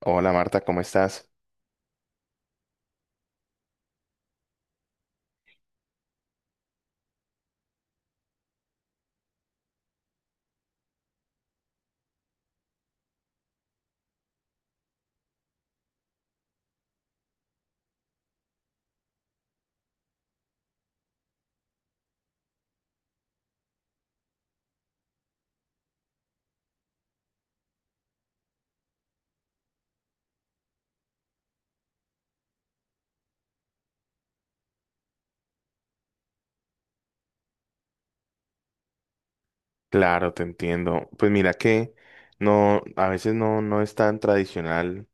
Hola Marta, ¿cómo estás? Claro, te entiendo. Pues mira que no, a veces no, no es tan tradicional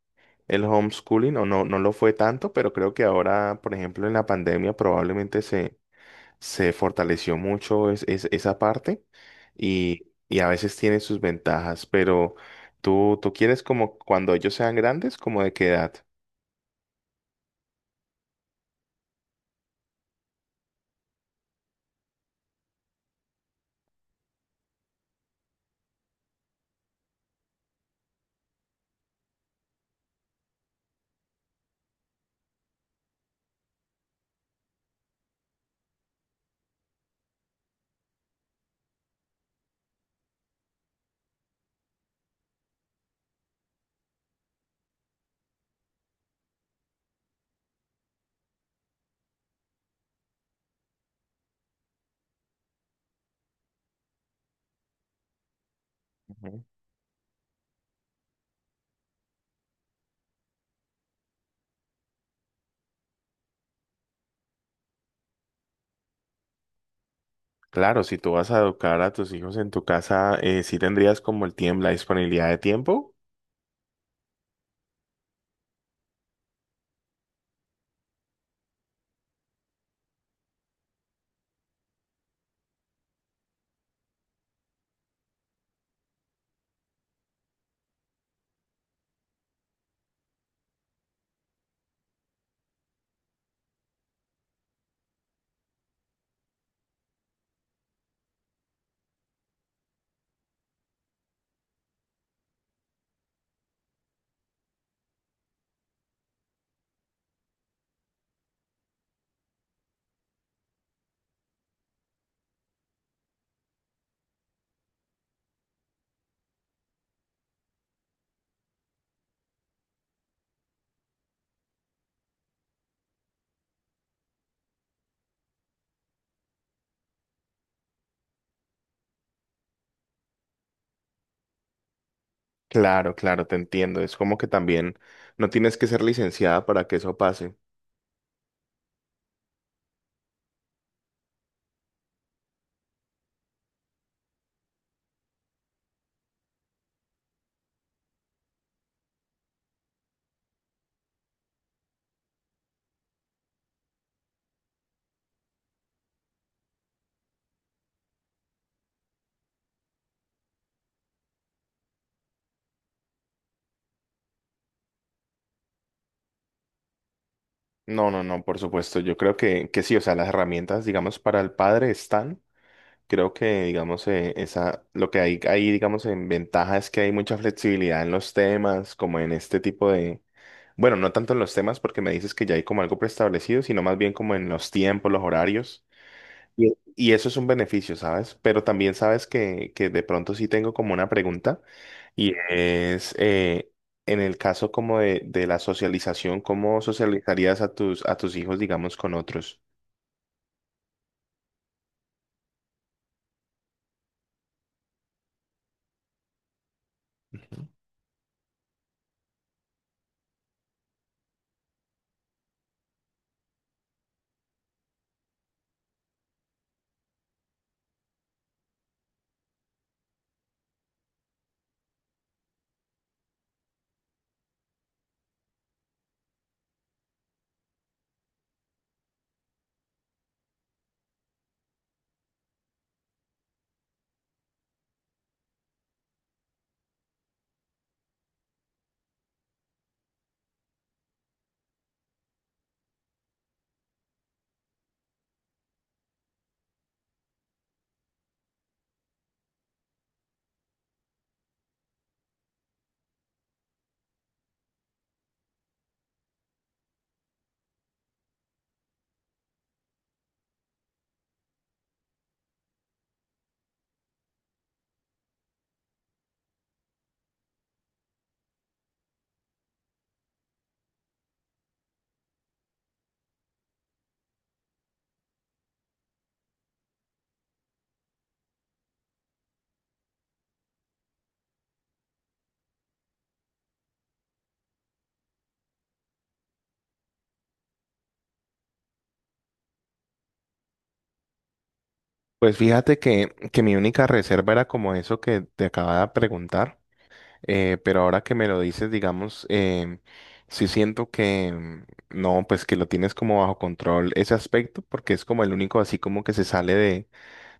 el homeschooling, o no, no lo fue tanto, pero creo que ahora, por ejemplo, en la pandemia probablemente se, se fortaleció mucho esa parte y a veces tiene sus ventajas, pero tú quieres como cuando ellos sean grandes, ¿como de qué edad? Ujú. Claro, si tú vas a educar a tus hijos en tu casa, sí tendrías como el tiempo, la disponibilidad de tiempo. Claro, claro, te entiendo. Es como que también no tienes que ser licenciada para que eso pase. No, no, no, por supuesto. Yo creo que sí, o sea, las herramientas, digamos, para el padre están. Creo que, digamos, esa, lo que hay ahí, digamos, en ventaja es que hay mucha flexibilidad en los temas, como en este tipo de, bueno, no tanto en los temas porque me dices que ya hay como algo preestablecido, sino más bien como en los tiempos, los horarios. Y eso es un beneficio, ¿sabes? Pero también sabes que de pronto sí tengo como una pregunta y es en el caso como de la socialización, ¿cómo socializarías a tus hijos, digamos, con otros? Pues fíjate que mi única reserva era como eso que te acababa de preguntar, pero ahora que me lo dices, digamos, sí siento que no, pues que lo tienes como bajo control ese aspecto, porque es como el único así como que se sale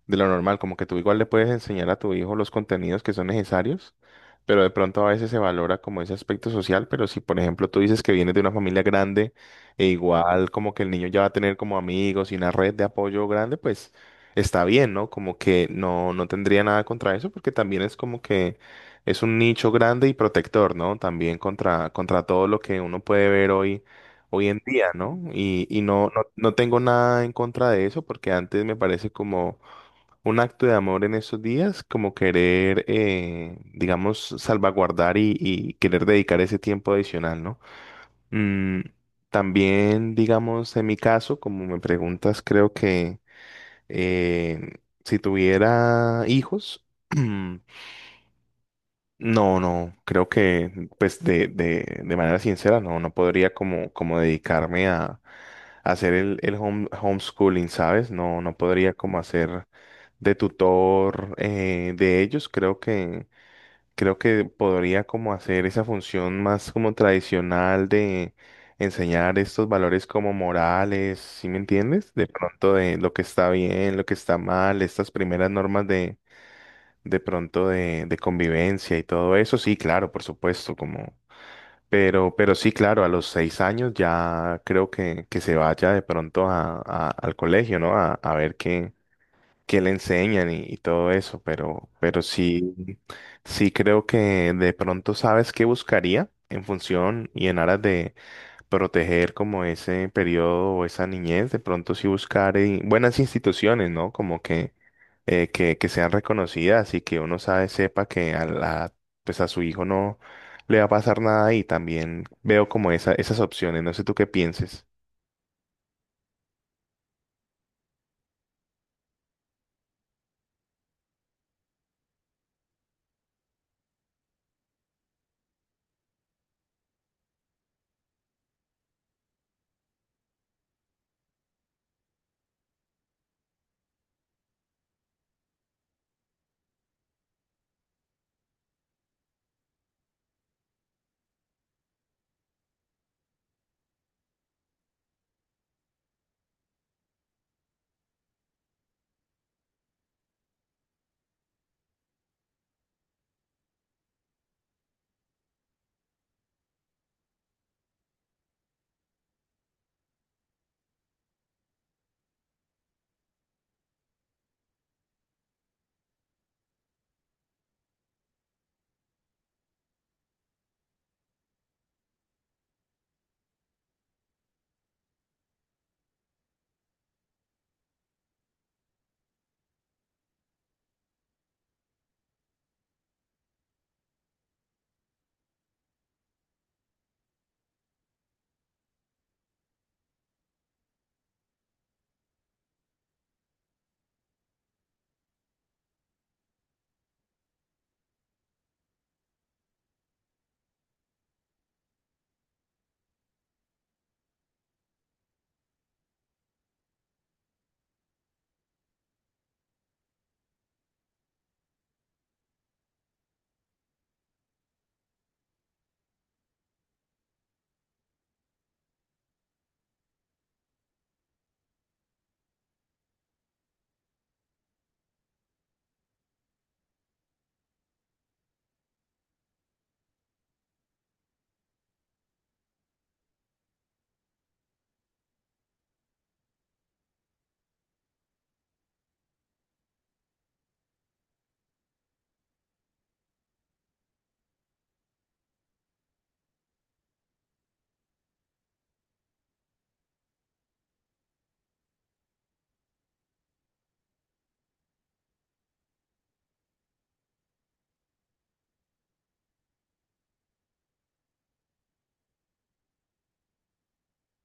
de lo normal, como que tú igual le puedes enseñar a tu hijo los contenidos que son necesarios, pero de pronto a veces se valora como ese aspecto social, pero si por ejemplo tú dices que vienes de una familia grande e igual como que el niño ya va a tener como amigos y una red de apoyo grande, pues está bien, ¿no? Como que no, no tendría nada contra eso, porque también es como que es un nicho grande y protector, ¿no? También contra, contra todo lo que uno puede ver hoy en día, ¿no? Y no, no, no tengo nada en contra de eso porque antes me parece como un acto de amor en esos días, como querer, digamos, salvaguardar y querer dedicar ese tiempo adicional, ¿no? Mm, también, digamos, en mi caso, como me preguntas, creo que si tuviera hijos, no, no, creo que, pues, de manera sincera, no, no podría como, como dedicarme a hacer el homeschooling, ¿sabes? No, no podría como hacer de tutor de ellos, creo que podría como hacer esa función más como tradicional de enseñar estos valores como morales, ¿sí me entiendes? De pronto de lo que está bien, lo que está mal, estas primeras normas de pronto de convivencia y todo eso, sí, claro, por supuesto, como. Pero sí, claro, a los 6 años ya creo que se vaya de pronto a, al colegio, ¿no? A ver qué, que le enseñan y todo eso, pero sí, sí creo que de pronto sabes qué buscaría en función y en aras de proteger como ese periodo o esa niñez, de pronto sí buscar buenas instituciones, ¿no? Como que sean reconocidas y que uno sabe, sepa que a la, pues a su hijo no le va a pasar nada y también veo como esa, esas opciones, no sé tú qué pienses.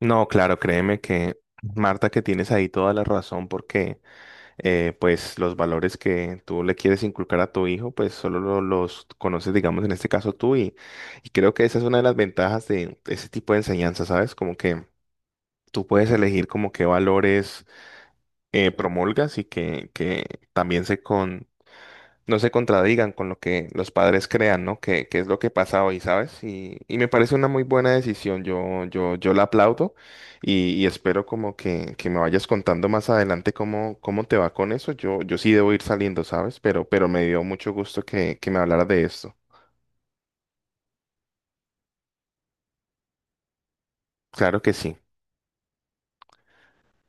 No, claro, créeme que Marta, que tienes ahí toda la razón porque pues los valores que tú le quieres inculcar a tu hijo, pues solo los conoces, digamos, en este caso tú y creo que esa es una de las ventajas de ese tipo de enseñanza, ¿sabes? Como que tú puedes elegir como qué valores promulgas y que también se, no se contradigan con lo que los padres crean, ¿no? Que es lo que pasa hoy, ¿sabes? Y me parece una muy buena decisión, yo la aplaudo y espero como que me vayas contando más adelante cómo, cómo te va con eso. Yo sí debo ir saliendo, ¿sabes? Pero me dio mucho gusto que me hablaras de esto. Claro que sí.